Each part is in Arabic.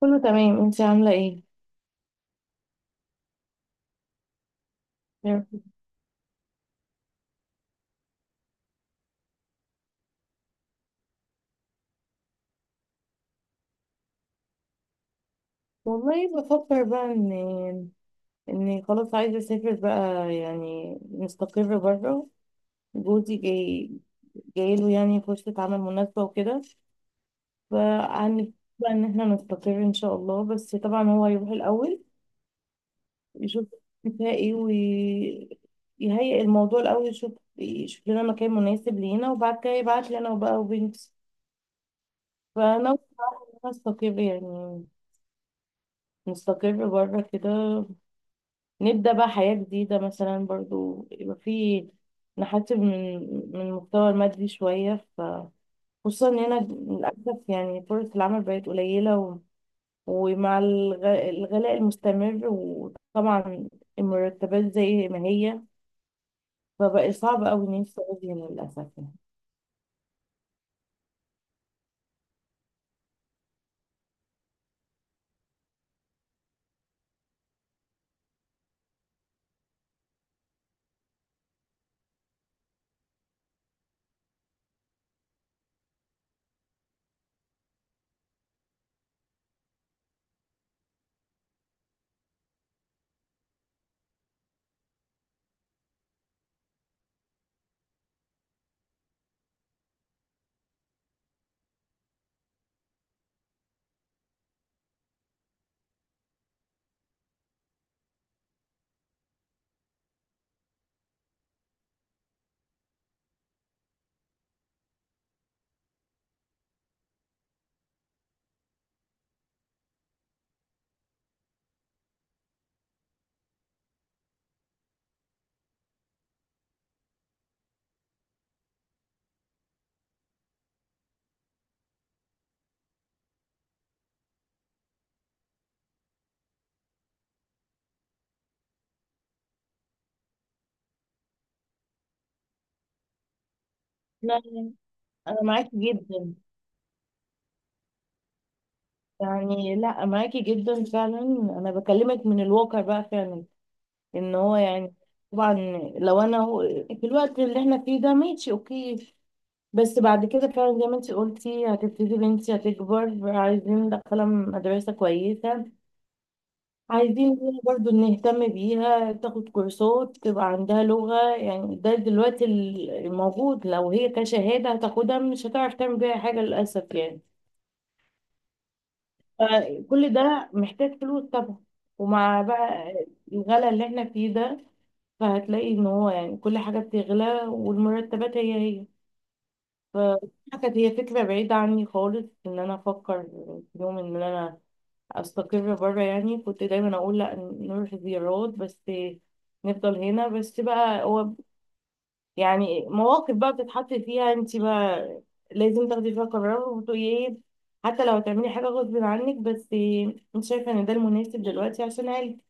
كله تمام، انتي عاملة ايه؟ يا رب. والله بفكر بقى ان خلاص عايزة اسافر بقى، يعني مستقر بره. جوزي جاي جايله يعني فرصة عمل مناسبة وكده. فهنبقى بقى ان احنا نستقر ان شاء الله. بس طبعا هو هيروح الأول يشوف فيها ايه ويهيئ الموضوع الأول، يشوف لنا مكان مناسب لينا، وبعد كده يبعت لي انا وبقى وبنتي. فانا ناوية انا استقر، يعني نستقر بره كده، نبدأ بقى حياة جديدة. مثلا برضو يبقى في، نحسب من المحتوى المادي شوية. خصوصا إن هنا للأسف يعني فرص العمل بقت قليلة، ومع الغلاء المستمر، وطبعا المرتبات زي ما هي، فبقى صعب أوي إن أنت تقعدي هنا للأسف يعني. لا، أنا معاكي جدا، يعني لا معاكي جدا فعلا. أنا بكلمك من الواقع بقى فعلا، ان هو يعني طبعا لو انا هو- في الوقت اللي احنا فيه ده ماشي اوكي، بس بعد كده فعلا زي ما انت قلتي هتبتدي بنتي هتكبر، عايزين ندخلها مدرسة كويسة، عايزين ليها برضو نهتم بيها تاخد كورسات تبقى عندها لغة. يعني ده دلوقتي الموجود لو هي كشهادة هتاخدها مش هتعرف تعمل بيها حاجة للأسف يعني. فكل ده محتاج فلوس طبعا، ومع بقى الغلا اللي احنا فيه ده، فهتلاقي ان هو يعني كل حاجة بتغلى والمرتبات هي هي. فدي كانت هي فكرة بعيدة عني خالص، ان انا افكر في يوم ان انا استقر بره يعني. كنت دايما اقول لا نروح زيارات بس، نفضل هنا. بس بقى هو يعني مواقف بقى بتتحط فيها انت بقى لازم تاخدي فيها قرار وتقولي ايه، حتى لو هتعملي حاجة غصب عنك، بس انت شايفة ان ده المناسب دلوقتي عشان عيلتك.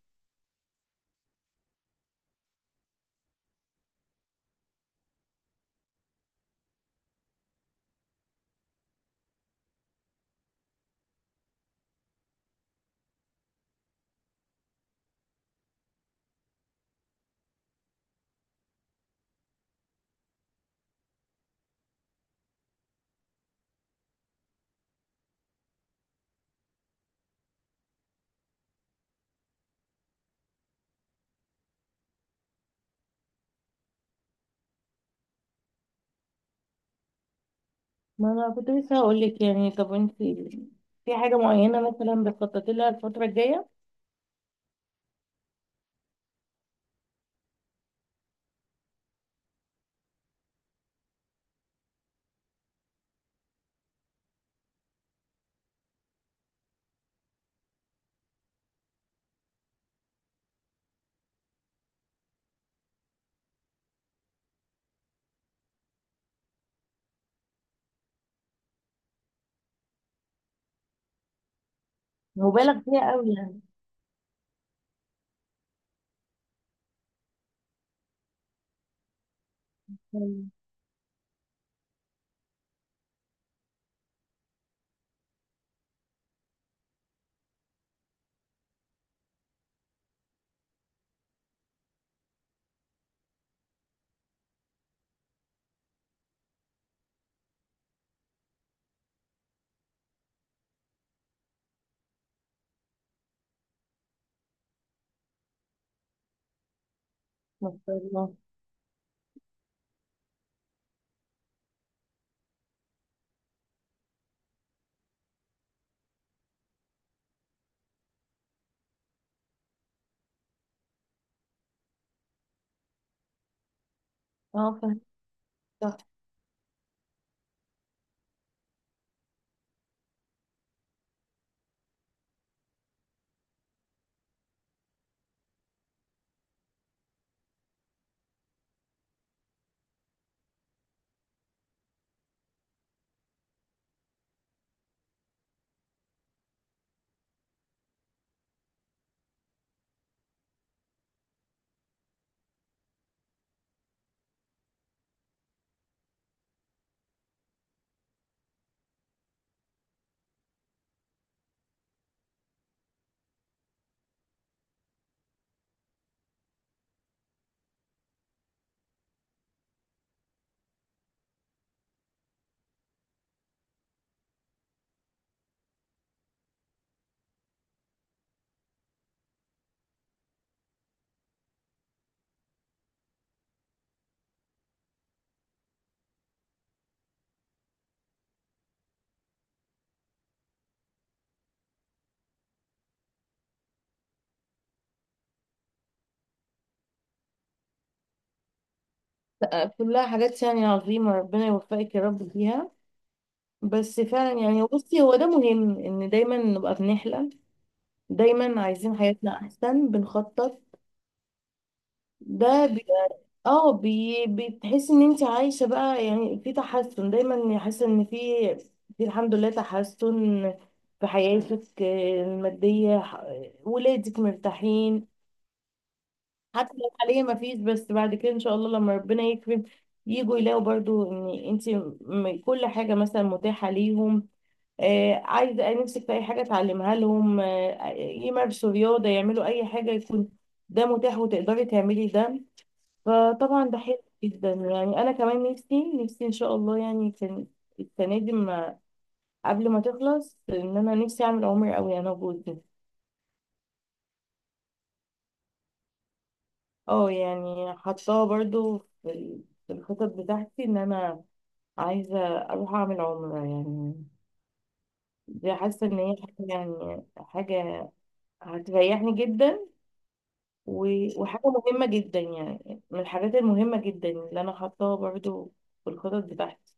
ما انا كنت لسه هقول لك، يعني طب انت في حاجه معينه مثلا بتخططي لها الفتره الجايه؟ مبالغ فيها قوي يعني. مم. ما شاء الله. اه، فاهمة. لا، كلها حاجات يعني عظيمه، ربنا يوفقك يا رب فيها. بس فعلا يعني بصي هو ده مهم، ان دايما نبقى بنحلم، دايما عايزين حياتنا احسن، بنخطط. ده اه، بتحس ان انت عايشة بقى، يعني في تحسن دايما، حاسة ان في، في الحمد لله تحسن في حياتك. آه، المادية، ولادك مرتاحين حتى لو حاليا ما فيش، بس بعد كده ان شاء الله لما ربنا يكرم يجوا يلاقوا برضو ان انت كل حاجة مثلا متاحة ليهم. آه، عايزة نفسك في اي حاجة تعلمها لهم، آه، يمارسوا رياضة، يعملوا اي حاجة، يكون ده متاح وتقدري تعملي ده. فطبعا ده حلو جدا. يعني انا كمان نفسي ان شاء الله، يعني كان السنه دي ما قبل ما تخلص ان انا نفسي اعمل عمرة قوي انا وجوزي. اه، يعني حطاها برضو في الخطط بتاعتي، ان انا عايزه اروح اعمل عمرة يعني. دي حاسه ان هي حاجه، يعني حاجه هتريحني جدا. و- وحاجه مهمه جدا، يعني من الحاجات المهمه جدا اللي انا حطاها برضو في الخطط بتاعتي.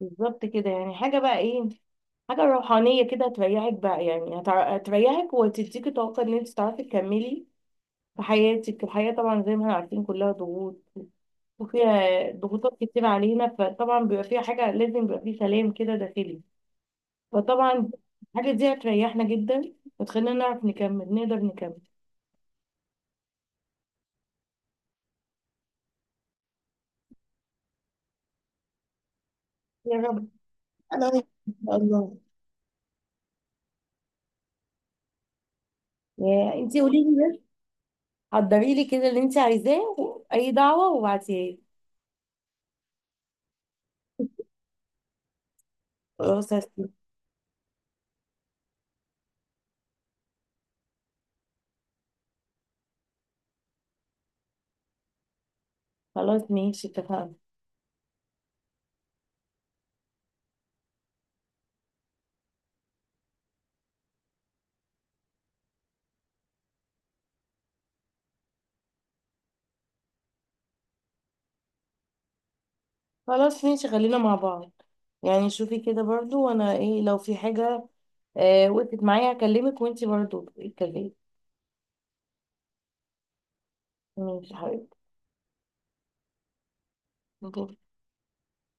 بالظبط كده، يعني حاجة بقى ايه، حاجة روحانية كده هتريحك بقى، يعني هتريحك وتديكي طاقة ان انت تعرفي تكملي في حياتك. الحياة طبعا زي ما احنا عارفين كلها ضغوط، وفيها ضغوطات كتير علينا، فطبعا بيبقى فيها حاجة لازم، بيبقى فيه سلام كده داخلي. فطبعا الحاجة دي هتريحنا جدا وتخلينا نعرف نكمل، نقدر نكمل. يا رب، انا وإنتي ان شاء الله. يا انتي قولي لي بس، حضري لي كده اللي انت عايزاه، اي دعوة وابعتيها لي. خلاص يا ستي. خلاص ماشي، اتفقنا. خلاص ماشي، خلينا مع بعض. يعني شوفي كده برضو، وانا ايه لو في حاجة آه وقفت معايا هكلمك، وانتي برضو اتكلمي. ماشي يا حبيبتي.